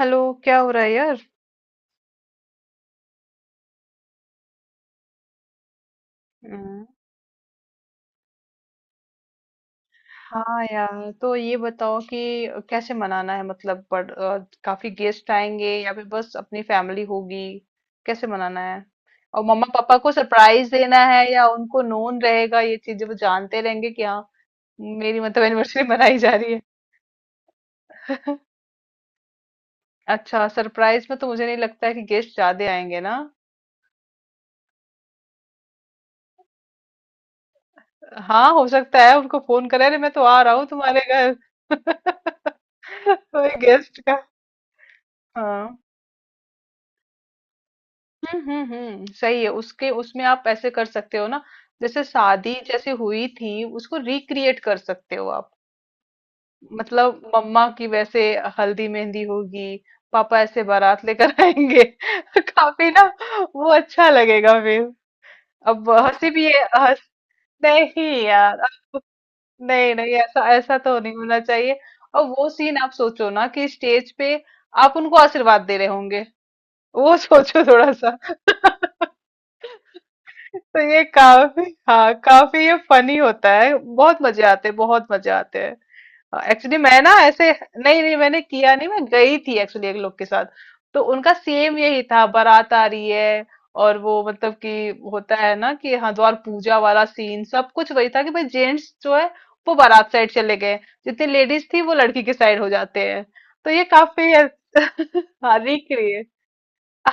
Hello. क्या हो रहा है यार? हम्म, हाँ यार तो ये बताओ कि कैसे मनाना है। मतलब काफी गेस्ट आएंगे या फिर बस अपनी फैमिली होगी? कैसे मनाना है? और मम्मा पापा को सरप्राइज देना है या उनको नोन रहेगा, ये चीजें वो जानते रहेंगे कि हाँ मेरी मतलब एनिवर्सरी मनाई जा रही है? अच्छा, सरप्राइज में तो मुझे नहीं लगता है कि गेस्ट ज्यादा आएंगे ना। हाँ, हो सकता है उनको फोन करें, अरे मैं तो आ रहा हूँ तुम्हारे घर। कोई गेस्ट का। हाँ। सही है। उसके उसमें आप ऐसे कर सकते हो ना, जैसे शादी जैसे हुई थी उसको रिक्रिएट कर सकते हो आप। मतलब मम्मा की वैसे हल्दी मेहंदी होगी, पापा ऐसे बारात लेकर आएंगे। काफी ना, वो अच्छा लगेगा फिर। अब हंसी भी है हंस। नहीं यार अब- नहीं नहीं, ऐसा ऐसा तो नहीं होना चाहिए। और वो सीन आप सोचो ना कि स्टेज पे आप उनको आशीर्वाद दे रहे होंगे, वो सोचो थोड़ा सा। तो ये काफी। हाँ, काफी ये फनी होता है, बहुत मजे आते हैं, बहुत मजे आते हैं। एक्चुअली मैं ना ऐसे नहीं, नहीं मैंने किया नहीं, मैं गई थी एक्चुअली एक लोग के साथ। तो उनका सेम यही था, बारात आ रही है। और वो मतलब कि होता है ना कि हरिद्वार पूजा वाला सीन, सब कुछ वही था कि भाई जेंट्स जो है वो बारात साइड चले गए, जितनी लेडीज थी वो लड़की के साइड हो जाते हैं। तो ये काफी हाँ रिक्रिएट।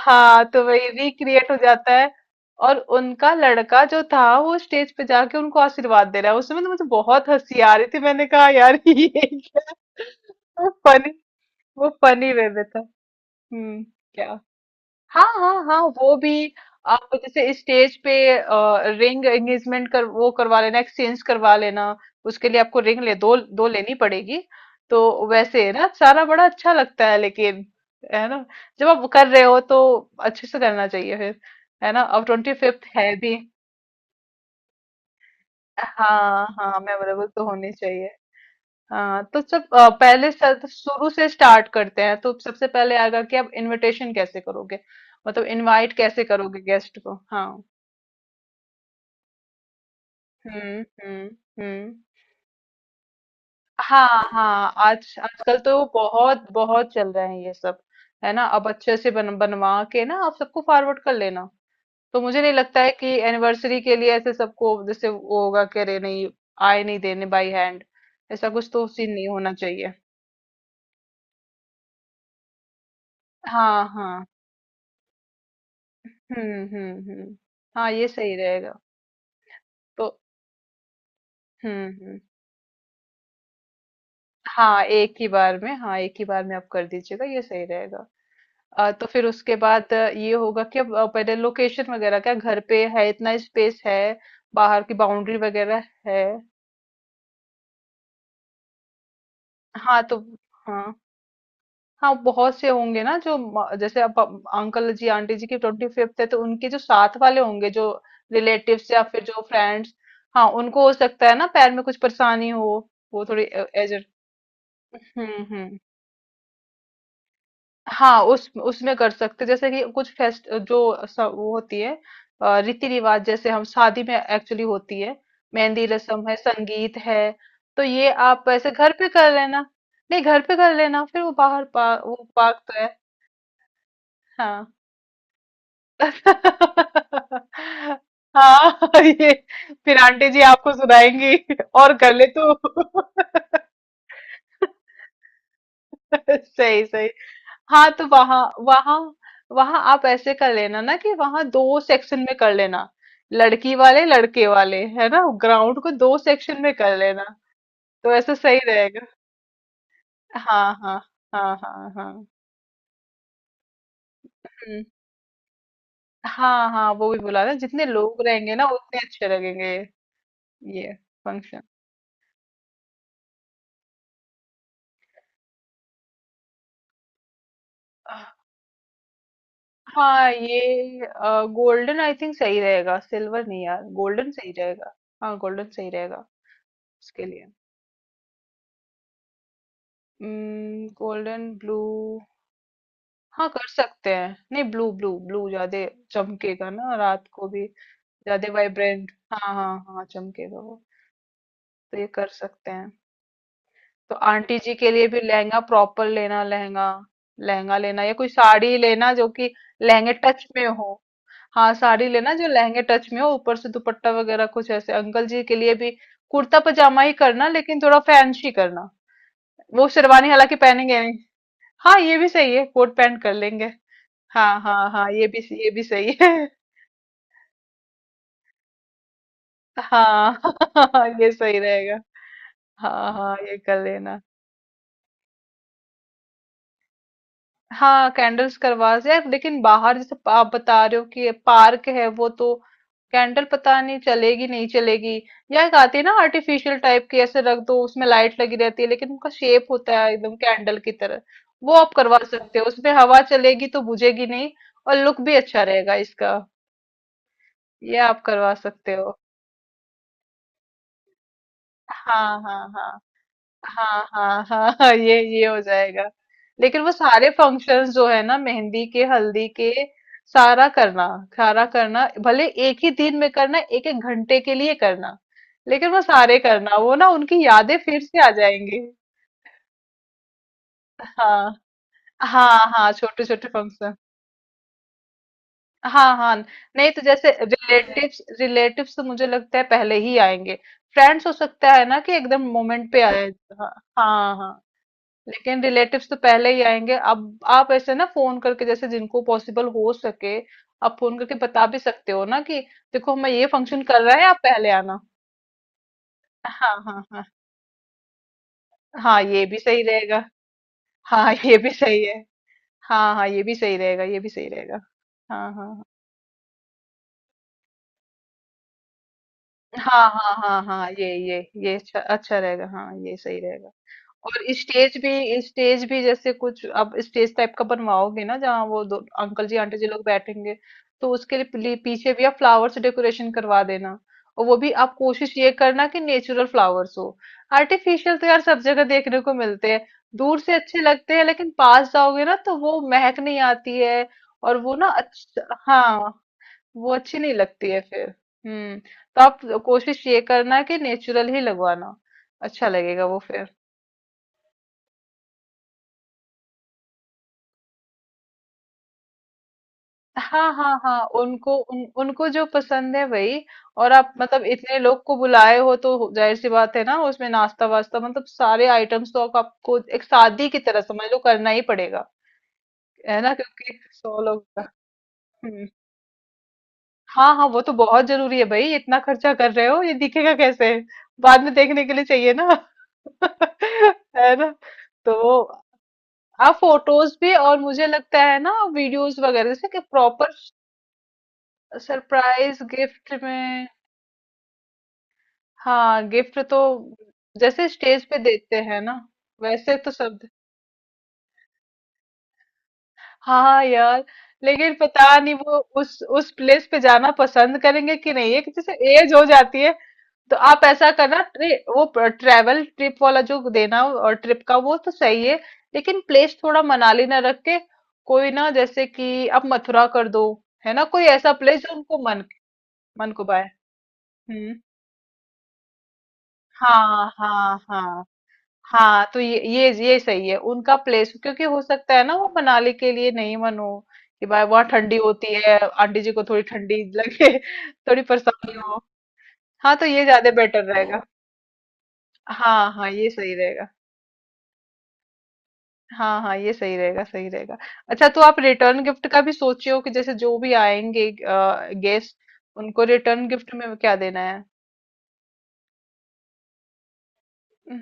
हाँ, तो वही रिक्रिएट हो जाता है। और उनका लड़का जो था वो स्टेज पे जाके उनको आशीर्वाद दे रहा है, उस समय तो मुझे बहुत हंसी आ रही थी, मैंने कहा यार ये क्या। वो फनी। वो फनी वे में था। हम्म क्या। हाँ हाँ हाँ, वो भी। आप जैसे स्टेज पे रिंग एंगेजमेंट कर वो करवा लेना, एक्सचेंज करवा लेना। उसके लिए आपको रिंग ले दो दो लेनी पड़ेगी। तो वैसे है ना, सारा बड़ा अच्छा लगता है, लेकिन है ना, जब आप कर रहे हो तो अच्छे से करना चाहिए फिर। है ना, अब 25th है भी। हाँ हाँ, मेमोरेबल तो होनी चाहिए। हाँ तो सब पहले सब शुरू से स्टार्ट करते हैं, तो सबसे पहले आएगा कि आप इनविटेशन कैसे करोगे? मतलब इनवाइट कैसे करोगे गेस्ट को? हाँ। हम्म हम्म हम्म हाँ। हाँ, आज आजकल तो बहुत बहुत चल रहे हैं ये सब। है ना, अब अच्छे से बन बनवा के ना आप सबको फॉरवर्ड कर लेना। तो मुझे नहीं लगता है कि एनिवर्सरी के लिए ऐसे सबको, जैसे वो होगा कि अरे नहीं आए नहीं देने बाई हैंड, ऐसा कुछ तो सीन नहीं होना चाहिए। हाँ हाँ। हम्म हम्म हम्म हाँ, ये सही रहेगा। तो हम्म हम्म हाँ, एक ही बार में, हाँ एक ही बार में आप कर दीजिएगा, ये सही रहेगा। तो फिर उसके बाद ये होगा कि पहले लोकेशन वगैरह, क्या घर पे है, इतना स्पेस है, बाहर की बाउंड्री वगैरह है? हाँ तो हाँ हाँ, बहुत से होंगे ना जो जैसे अब अंकल जी आंटी जी की 25th है, तो उनके जो साथ वाले होंगे, जो रिलेटिव्स या फिर जो फ्रेंड्स, हाँ उनको हो सकता है ना पैर में कुछ परेशानी हो, वो थोड़ी एज। हम्म। हाँ, उस उसमें कर सकते, जैसे कि कुछ फेस्ट जो वो होती है, रीति रिवाज जैसे हम शादी में एक्चुअली होती है, मेहंदी रसम है, संगीत है, तो ये आप ऐसे घर पे कर लेना। नहीं, घर पे कर लेना फिर वो बाहर वो पार्क तो है। हाँ हाँ ये फिर आंटी जी आपको सुनाएंगी, और कर ले तू। सही सही। हाँ तो वहां वहां, वहां आप ऐसे कर लेना ना कि वहां दो सेक्शन में कर लेना, लड़की वाले लड़के वाले, है ना, ग्राउंड को दो सेक्शन में कर लेना, तो ऐसा सही रहेगा। हाँ हाँ हाँ हाँ हाँ। हम्म, हाँ हाँ, वो भी बुलाना, जितने लोग रहेंगे ना उतने अच्छे लगेंगे। ये फंक्शन। हाँ ये गोल्डन आई थिंक सही रहेगा, सिल्वर नहीं यार, गोल्डन सही रहेगा। हाँ गोल्डन सही रहेगा। उसके लिए गोल्डन ब्लू। हाँ कर सकते हैं, नहीं ब्लू, ब्लू ब्लू ज्यादा चमकेगा ना रात को भी, ज्यादा वाइब्रेंट, हाँ हाँ हाँ चमकेगा वो। तो ये कर सकते हैं। तो आंटी जी के लिए भी लहंगा, प्रॉपर लेना लहंगा। लहंगा लेना या कोई साड़ी लेना जो कि लहंगे टच में हो। हाँ साड़ी लेना जो लहंगे टच में हो, ऊपर से दुपट्टा वगैरह कुछ ऐसे। अंकल जी के लिए भी कुर्ता पजामा ही करना, लेकिन थोड़ा फैंसी करना। वो शेरवानी हालांकि पहनेंगे नहीं। हाँ ये भी सही है, कोट पैंट कर लेंगे। हाँ हाँ हाँ ये भी, ये भी सही है। हाँ ये सही रहेगा। हाँ हाँ ये कर लेना। हाँ कैंडल्स करवा से यार, लेकिन बाहर जैसे आप बता रहे हो कि ये पार्क है, वो तो कैंडल पता नहीं चलेगी, नहीं चलेगी। या एक आती है ना आर्टिफिशियल टाइप की, ऐसे रख दो, उसमें लाइट लगी रहती है लेकिन उनका शेप होता है एकदम कैंडल की तरह, वो आप करवा सकते हो, उसमें हवा चलेगी तो बुझेगी नहीं, और लुक भी अच्छा रहेगा इसका। ये आप करवा सकते हो। हाँ हाँ हाँ हाँ हाँ हाँ हाँ, ये हो जाएगा। लेकिन वो सारे फंक्शंस जो है ना, मेहंदी के, हल्दी के, सारा करना। सारा करना भले एक ही दिन में करना, एक एक घंटे के लिए करना, लेकिन वो सारे करना, वो ना उनकी यादें फिर से आ जाएंगी। हाँ हाँ हाँ छोटे छोटे फंक्शन। हाँ हाँ। नहीं तो जैसे रिलेटिव्स रिलेटिव्स तो मुझे लगता है पहले ही आएंगे, फ्रेंड्स हो सकता है ना कि एकदम मोमेंट पे आए। हाँ हाँ। लेकिन रिलेटिव्स तो पहले ही आएंगे, अब आप ऐसे ना फोन करके, जैसे जिनको पॉसिबल हो सके, आप फोन करके बता भी सकते हो ना कि देखो हम ये फंक्शन कर रहे हैं, आप पहले आना। हाँ हाँ हाँ। हाँ ये भी सही रहेगा। हाँ ये भी सही है। हाँ हाँ ये भी सही रहेगा, ये भी सही रहेगा। हाँ हाँ। हाँ हाँ हाँ हाँ हाँ, ये अच्छा अच्छा रहेगा, हाँ ये सही रहेगा। और स्टेज भी, स्टेज भी जैसे कुछ आप स्टेज टाइप का बनवाओगे ना जहाँ वो दो अंकल जी आंटी जी लोग बैठेंगे, तो उसके लिए पीछे भी आप फ्लावर से डेकोरेशन करवा देना, और वो भी आप कोशिश ये करना कि नेचुरल फ्लावर्स हो। आर्टिफिशियल तो यार सब जगह देखने को मिलते हैं, दूर से अच्छे लगते हैं लेकिन पास जाओगे ना तो वो महक नहीं आती है, और वो ना, अच्छा हाँ, वो अच्छी नहीं लगती है फिर। हम्म। तो आप कोशिश ये करना कि नेचुरल ही लगवाना, अच्छा लगेगा वो। हाँ हाँ हाँ उनको उनको जो पसंद है वही। और आप मतलब इतने लोग को बुलाए हो तो जाहिर सी बात है ना, उसमें नाश्ता वास्ता मतलब सारे आइटम्स तो आपको एक शादी की तरह समझ लो, करना ही पड़ेगा, है ना, क्योंकि 100 लोग का। हम्म। हाँ हाँ वो तो बहुत जरूरी है भाई, इतना खर्चा कर रहे हो, ये दिखेगा कैसे, बाद में देखने के लिए चाहिए ना। है ना। तो आप फोटोज भी, और मुझे लगता है ना वीडियोस वगैरह जैसे कि प्रॉपर। सरप्राइज गिफ्ट में, हाँ गिफ्ट तो जैसे स्टेज पे देते हैं ना, वैसे तो सब। हाँ हाँ, यार, लेकिन पता नहीं वो उस प्लेस पे जाना पसंद करेंगे कि नहीं, है कि जैसे एज हो जाती है, तो आप ऐसा करना वो ट्रेवल ट्रिप वाला जो देना हो, और ट्रिप का वो तो सही है, लेकिन प्लेस थोड़ा मनाली ना रख के, कोई ना जैसे कि आप मथुरा कर दो, है ना कोई ऐसा प्लेस जो उनको मन मन को पाए। हम्म। हाँ हाँ हाँ। हाँ तो ये ये सही है उनका प्लेस, क्योंकि हो सकता है ना वो मनाली के लिए नहीं मन हो, कि भाई वहाँ ठंडी होती है, आंटी जी को थोड़ी ठंडी लगे, थोड़ी परेशानी हो। हाँ तो ये ज्यादा बेटर रहेगा। हाँ हाँ ये सही रहेगा। हाँ हाँ ये सही रहेगा, सही रहेगा। अच्छा, तो आप रिटर्न गिफ्ट का भी सोचे हो कि जैसे जो भी आएंगे गेस्ट, उनको रिटर्न गिफ्ट में क्या देना है।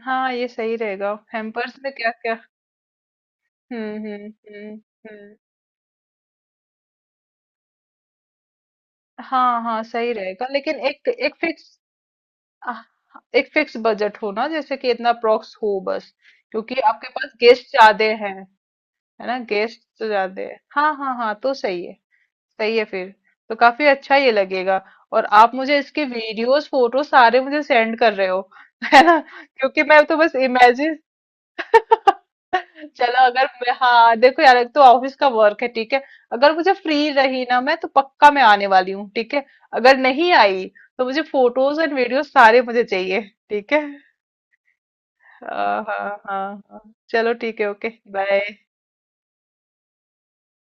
हाँ ये सही रहेगा, हैम्पर्स में क्या क्या। हम्म। हम्म। हाँ हाँ सही रहेगा, लेकिन एक एक फिक्स। आह, एक फिक्स बजट हो ना, जैसे कि इतना अप्रोक्स हो बस, क्योंकि आपके पास गेस्ट ज्यादा हैं। है ना, गेस्ट तो ज्यादा है, हाँ हाँ हाँ तो सही है। सही है फिर, तो काफी अच्छा ये लगेगा। और आप मुझे इसके वीडियोस फोटो सारे मुझे सेंड कर रहे हो। है ना, क्योंकि मैं तो बस इमेजिन। चलो, अगर मैं हाँ, देखो यार एक तो ऑफिस का वर्क है, ठीक है, अगर मुझे फ्री रही ना मैं तो पक्का मैं आने वाली हूँ, ठीक है? अगर नहीं आई तो मुझे फोटोज एंड वीडियो सारे मुझे चाहिए, ठीक है? हाँ हाँ हाँ हाँ। चलो ठीक है, ओके, बाय।